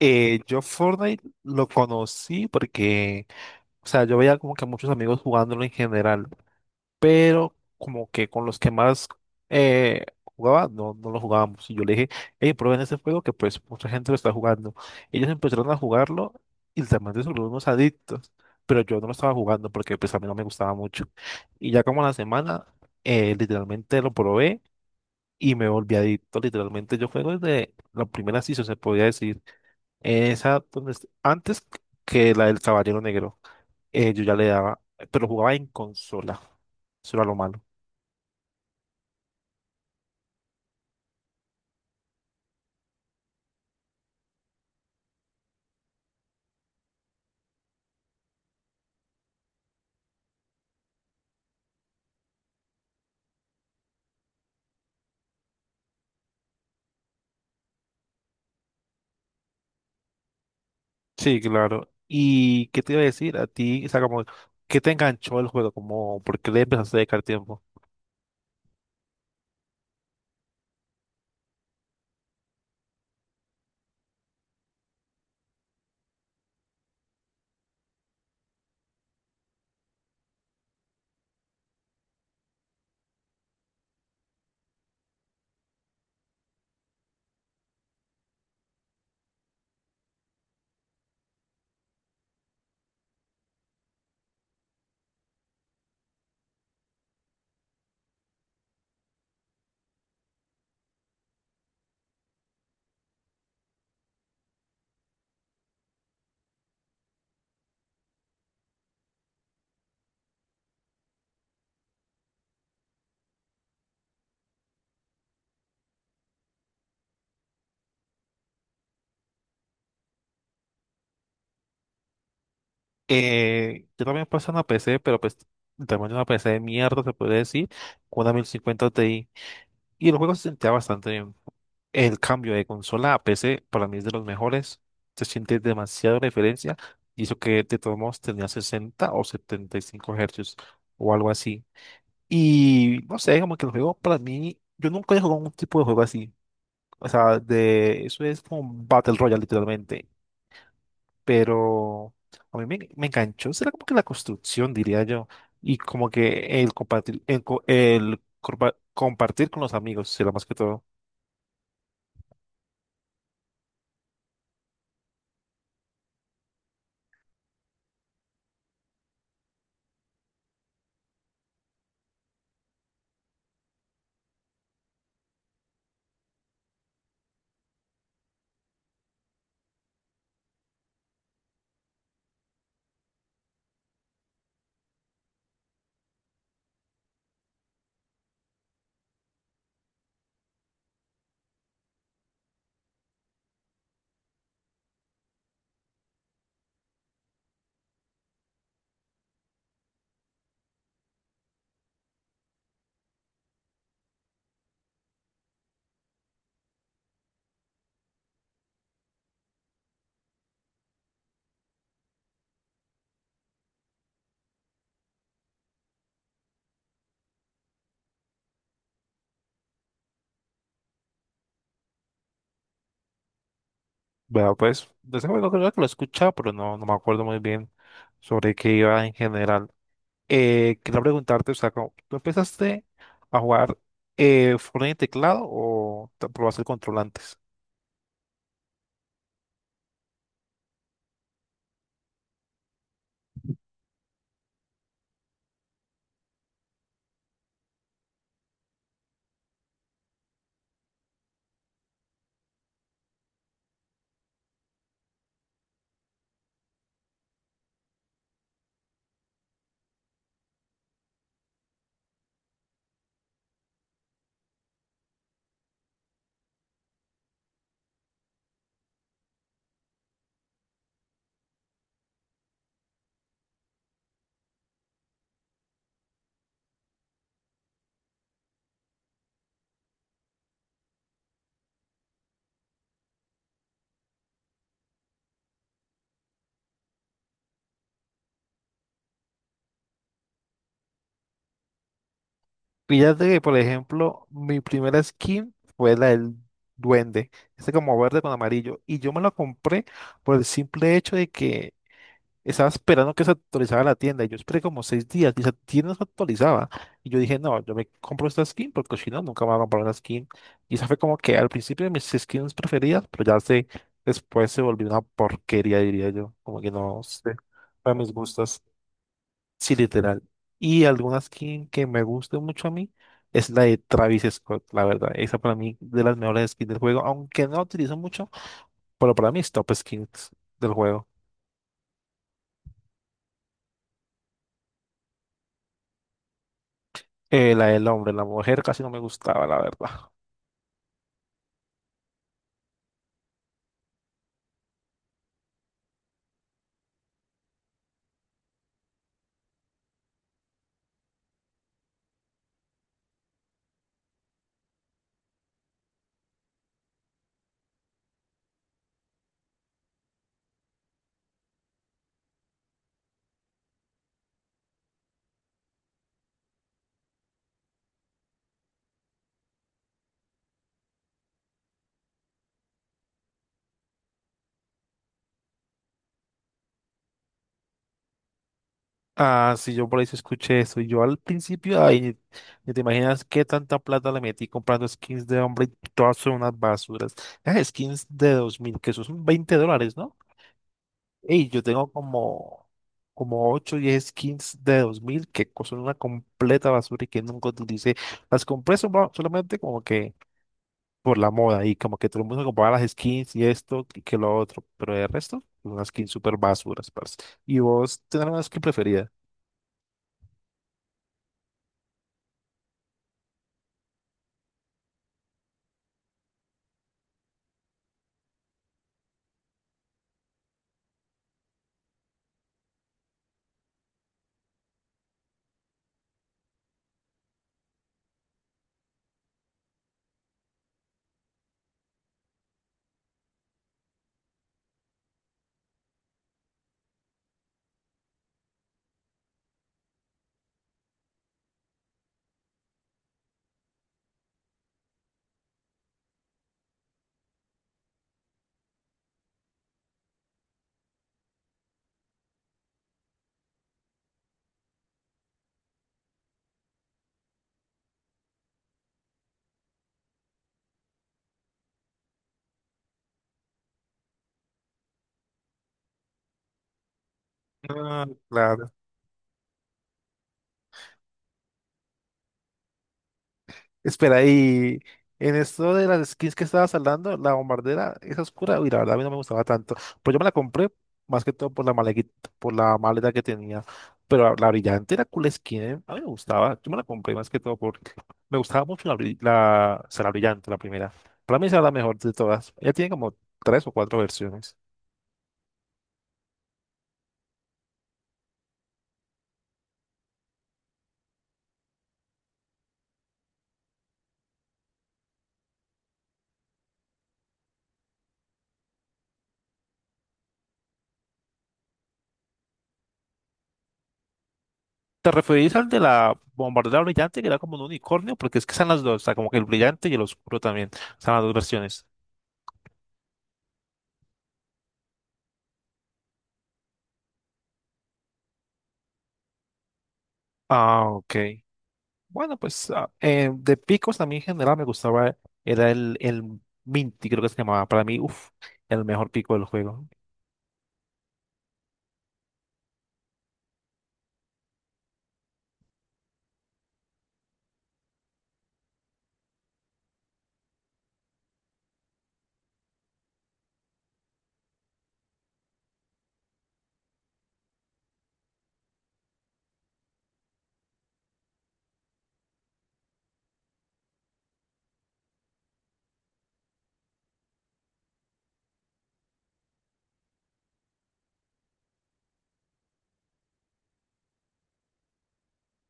Yo Fortnite lo conocí porque, o sea, yo veía como que muchos amigos jugándolo en general, pero como que con los que más eh, jugaba, no, no lo jugábamos. Y yo le dije, hey, prueben ese juego que pues mucha gente lo está jugando. Ellos empezaron a jugarlo y literalmente se volvieron unos adictos, pero yo no lo estaba jugando porque pues a mí no me gustaba mucho. Y ya como a la semana, literalmente lo probé y me volví adicto. Literalmente yo juego desde la primera season, se podía decir. Esa donde antes que la del Caballero Negro, yo ya le daba, pero jugaba en consola. Eso era lo malo. Sí, claro. ¿Y qué te iba a decir a ti? O sea, como, ¿qué te enganchó el juego? Como, ¿por qué le empezaste a dedicar tiempo? Yo también pasé una PC, pero pues también una PC de mierda, se puede decir, con una 1050 Ti. Y el juego se sentía bastante bien. El cambio de consola a PC para mí es de los mejores. Se siente demasiado diferencia. Y eso que de todos modos tenía 60 o 75 hercios o algo así. Y no sé, como que el juego para mí, yo nunca he jugado un tipo de juego así. O sea, de eso es como un Battle Royale literalmente. Pero a mí me enganchó. Será como que la construcción, diría yo. Y como que el compartir, el, co- el corpa- compartir con los amigos será más que todo. Bueno, pues, de ese juego creo que lo he escuchado, pero no, no me acuerdo muy bien sobre qué iba en general. Quería preguntarte, o sea, ¿tú empezaste a jugar Fortnite en teclado o te probaste el control antes? Fíjate que, por ejemplo, mi primera skin fue la del duende, este como verde con amarillo, y yo me la compré por el simple hecho de que estaba esperando que se actualizara la tienda y yo esperé como 6 días y esa tienda no se actualizaba. Y yo dije, no, yo me compro esta skin porque si no, nunca me voy a comprar una skin. Y esa fue como que al principio de mis skins preferidas, pero después se volvió una porquería, diría yo. Como que no sé, para mis gustos. Sí, literal. Y alguna skin que me guste mucho a mí es la de Travis Scott, la verdad. Esa para mí de las mejores skins del juego, aunque no la utilizo mucho, pero para mí es top skins del juego. La del hombre, la mujer casi no me gustaba, la verdad. Ah, sí, yo por ahí sí escuché eso. Y yo al principio, ay, ni te imaginas qué tanta plata le metí comprando skins de hombre y todas son unas basuras. Esas skins de 2000 que eso son $20, ¿no? Y yo tengo como, como 8 o 10 skins de 2000 que son una completa basura y que nunca utilicé. Las compré solamente como que por la moda y como que todo el mundo compraba las skins y esto y que lo otro, pero el resto, unas skins súper basuras, parce. ¿Y vos tenés una skin preferida? Ah, claro. Espera, y en esto de las skins que estabas hablando, la bombardera es oscura. Uy, la verdad a mí no me gustaba tanto. Pues yo me la compré más que todo por la maleta que tenía. Pero la brillante era cool skin, ¿eh? A mí me gustaba. Yo me la compré más que todo porque me gustaba mucho o sea, la brillante, la primera. Para mí esa era la mejor de todas. Ella tiene como tres o cuatro versiones. ¿Te referís al de la bombardera brillante que era como un unicornio? Porque es que están las dos, o sea, como que el brillante y el oscuro también. Están las dos versiones. Ah, ok. Bueno, pues de picos a mí en general me gustaba, era el Minty, creo que se llamaba. Para mí, uff, el mejor pico del juego.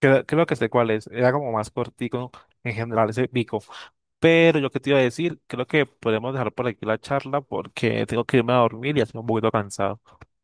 Creo que sé cuál es. Era como más cortico en general ese pico. Pero yo que te iba a decir, creo que podemos dejar por aquí la charla porque tengo que irme a dormir y estoy un poquito cansado.